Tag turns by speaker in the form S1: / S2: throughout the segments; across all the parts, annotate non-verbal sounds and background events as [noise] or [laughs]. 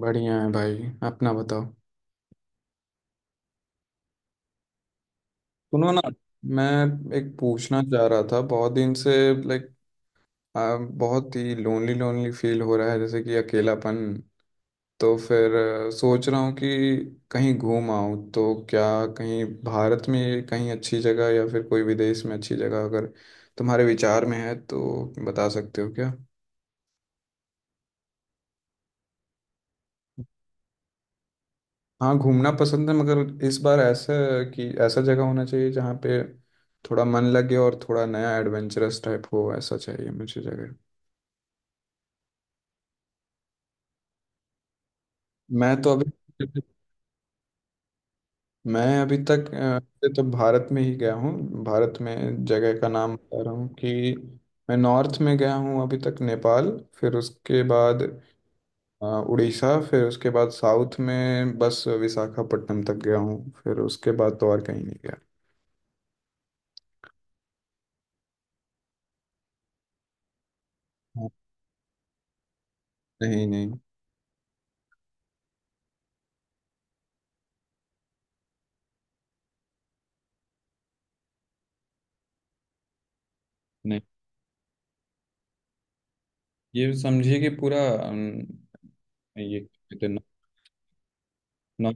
S1: बढ़िया है भाई। अपना बताओ। सुनो ना। मैं एक पूछना चाह रहा था बहुत दिन से। लाइक बहुत ही लोनली लोनली फील हो रहा है, जैसे कि अकेलापन। तो फिर सोच रहा हूँ कि कहीं घूम आऊँ तो क्या, कहीं भारत में कहीं अच्छी जगह या फिर कोई विदेश में अच्छी जगह अगर तुम्हारे विचार में है तो बता सकते हो क्या। हाँ घूमना पसंद है, मगर इस बार ऐसा है कि ऐसा जगह होना चाहिए जहाँ पे थोड़ा मन लगे और थोड़ा नया एडवेंचरस टाइप हो, ऐसा चाहिए मुझे जगह। मैं तो अभी [laughs] मैं अभी तक वैसे तो भारत में ही गया हूँ। भारत में जगह का नाम बता रहा हूँ कि मैं नॉर्थ में गया हूँ अभी तक, नेपाल, फिर उसके बाद उड़ीसा, फिर उसके बाद साउथ में बस विशाखापट्टनम तक गया हूँ। फिर उसके बाद तो और कहीं नहीं गया। हाँ, नहीं नहीं। नहीं, ये समझिए कि पूरा अम, ये कहते हैं, नॉ- नॉ-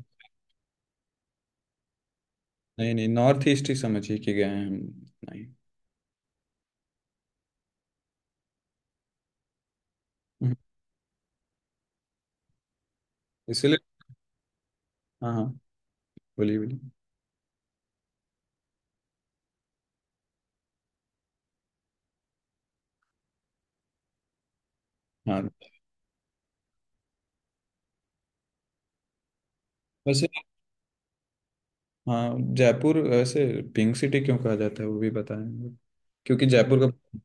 S1: नहीं नहीं नॉर्थ ईस्ट ही समझिए कि गए हैं हम। नहीं। हम्म। इसलिए। हाँ हाँ, बोलिए बोलिए। हाँ वैसे, हाँ जयपुर वैसे पिंक सिटी क्यों कहा जाता है वो भी बताएं, क्योंकि जयपुर का।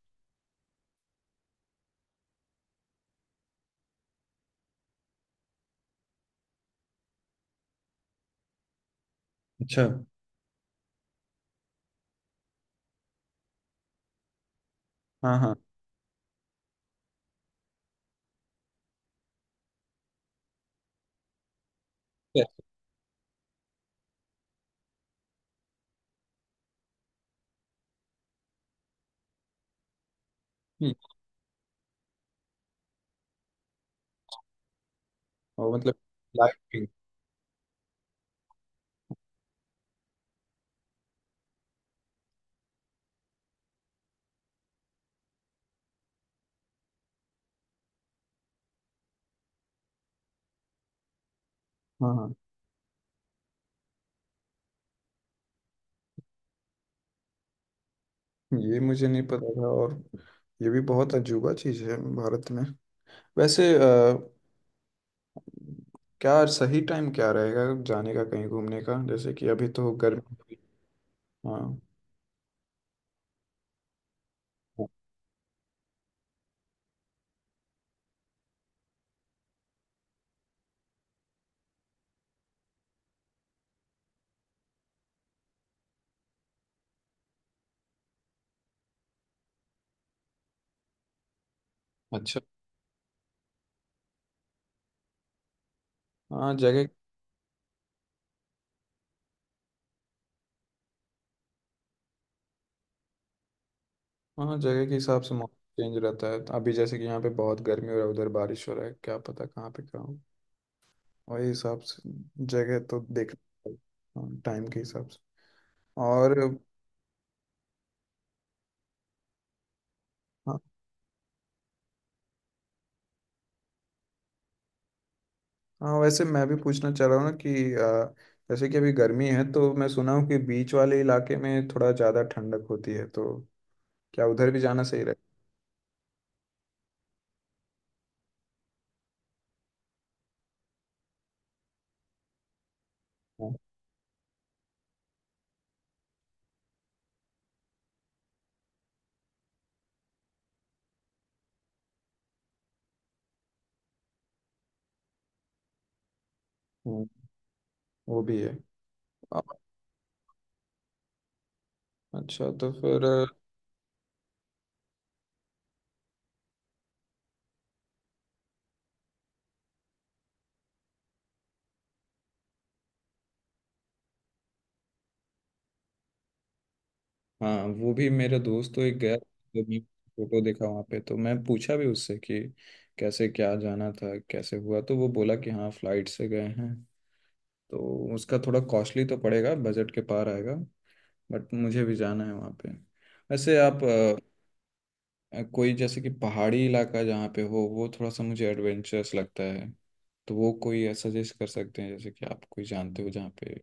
S1: अच्छा। हाँ हाँ। yes। हम्म। और मतलब लाइट पिंक। हाँ हाँ। ये मुझे नहीं पता था। और ये भी बहुत अजूबा चीज़ है भारत में। वैसे क्या सही टाइम क्या रहेगा जाने का, कहीं घूमने का, जैसे कि अभी तो गर्मी। हाँ। अच्छा। हाँ जगह। हाँ जगह के हिसाब से मौसम चेंज रहता है, अभी जैसे कि यहाँ पे बहुत गर्मी हो रहा है, उधर बारिश हो रहा है, क्या पता कहाँ पे क्या हो। वही हिसाब से जगह तो देख, हाँ, टाइम के हिसाब से। और। हाँ हाँ। वैसे मैं भी पूछना चाह रहा हूँ ना कि जैसे कि अभी गर्मी है तो मैं सुना हूँ कि बीच वाले इलाके में थोड़ा ज़्यादा ठंडक होती है, तो क्या उधर भी जाना सही रहेगा। हाँ। हम्म, वो भी है। अ, अच्छा तो फिर। हाँ वो भी, मेरा दोस्त तो एक गया तो मैं फोटो देखा वहाँ पे, तो मैं पूछा भी उससे कि कैसे क्या जाना था कैसे हुआ, तो वो बोला कि हाँ फ्लाइट से गए हैं। तो उसका थोड़ा कॉस्टली तो पड़ेगा, बजट के पार आएगा, बट मुझे भी जाना है वहाँ पे। वैसे आप कोई जैसे कि पहाड़ी इलाका जहाँ पे हो वो थोड़ा सा मुझे एडवेंचरस लगता है, तो वो कोई सजेस्ट कर सकते हैं, जैसे कि आप कोई जानते हो जहाँ पे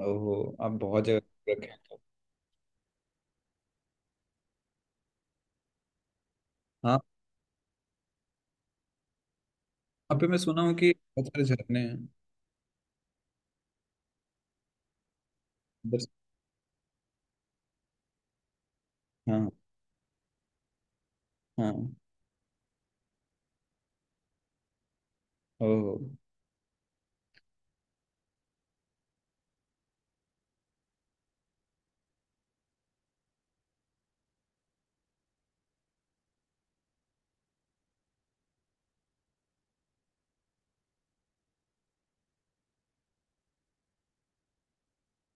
S1: हो, आप बहुत जगह रखे हैं। हाँ वहाँ पे मैं सुना हूँ कि बहुत सारे झरने हैं। हाँ हाँ। ओह।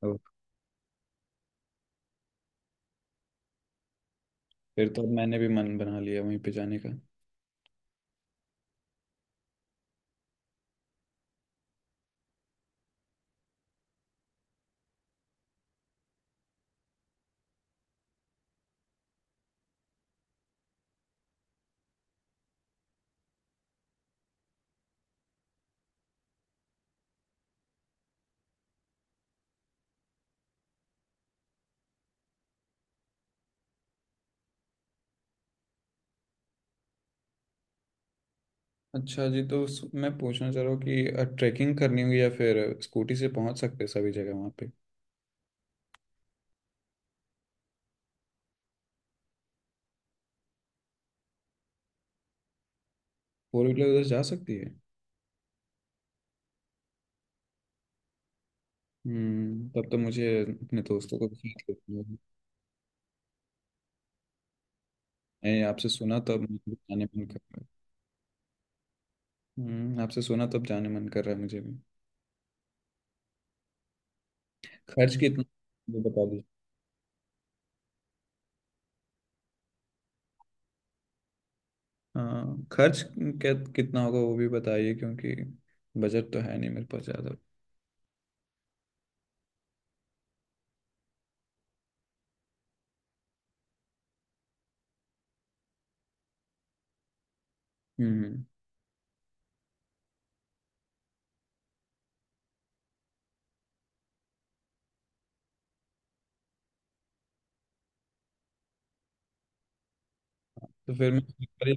S1: ओह, फिर तो अब मैंने भी मन बना लिया वहीं पे जाने का। अच्छा जी, तो स- मैं पूछना चाह रहा हूँ कि ट्रैकिंग करनी होगी या फिर स्कूटी से पहुंच सकते हैं सभी जगह वहाँ पे। फोर व्हीलर उधर जा सकती है। हम्म, तब तो मुझे अपने दोस्तों को भी साथ लेना होगा। नहीं, आपसे सुना तब मुझे भी जाने मन कर रहा है। हम्म, आपसे सुना तब जाने मन कर रहा है मुझे भी। खर्च कितना वो बता दीजिए। हाँ खर्च कितना होगा वो भी बताइए, क्योंकि बजट तो है नहीं मेरे पास ज़्यादा। हम्म, तो फिर मैं।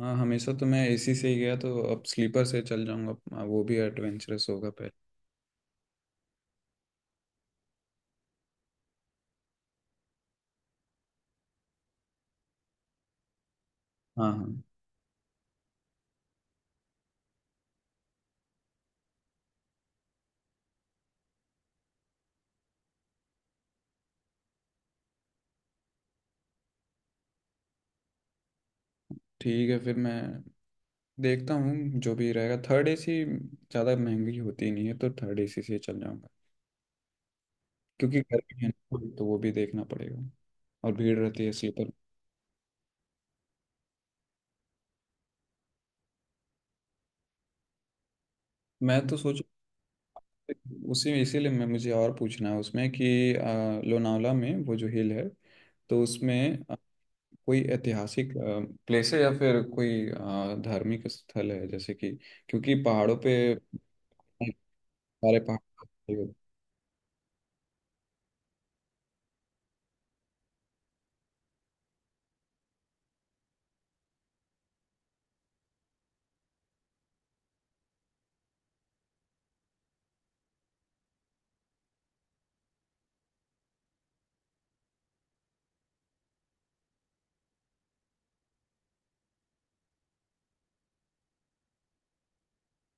S1: हाँ हमेशा तो मैं एसी से ही गया, तो अब स्लीपर से चल जाऊंगा, हाँ, वो भी एडवेंचरस होगा पहले। हाँ हाँ। ठीक है, फिर मैं देखता हूँ जो भी रहेगा, थर्ड एसी ज़्यादा महंगी होती नहीं है तो थर्ड एसी से ही चल जाऊंगा, क्योंकि गर्मी है ना, तो वो भी देखना पड़ेगा। और भीड़ रहती है स्लीपर। मैं तो सोच, उसी इसीलिए मैं मुझे और पूछना है उसमें कि लोनावला में वो जो हिल है तो उसमें कोई ऐतिहासिक प्लेस है या फिर कोई धार्मिक स्थल है, जैसे कि क्योंकि पहाड़ों पे सारे पहाड़।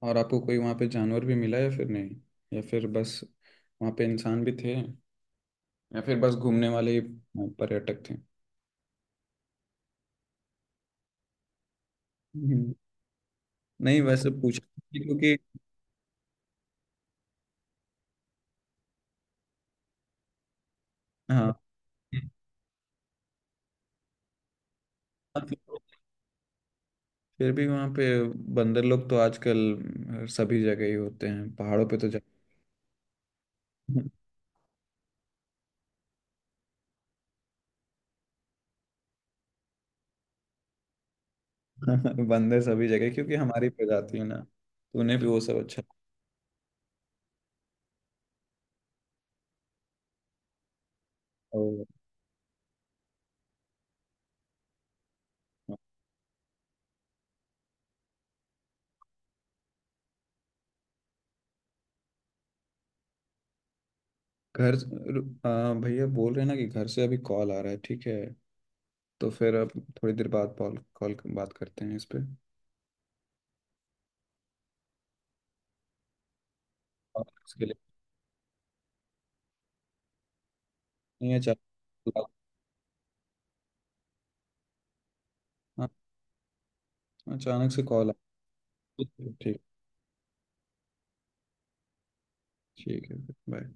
S1: और आपको कोई वहाँ पे जानवर भी मिला या फिर नहीं, या फिर बस वहाँ पे इंसान भी थे, या फिर बस घूमने वाले ही पर्यटक थे। हम्म, नहीं वैसे पूछा क्योंकि। हाँ, फिर भी वहाँ पे बंदर लोग तो आजकल सभी जगह ही होते हैं, पहाड़ों पे तो जा [laughs] बंदर सभी जगह, क्योंकि हमारी प्रजाति है ना, तो उन्हें भी वो सब अच्छा। ओ, घर, आ, भैया बोल रहे हैं ना कि घर से अभी कॉल आ रहा है, ठीक है तो फिर अब थोड़ी देर बाद कॉल कॉल बात करते हैं इस पे। और इसके लिए, नहीं अचानक, हाँ, अचानक से कॉल आ। ठीक। ठीक है। बाय।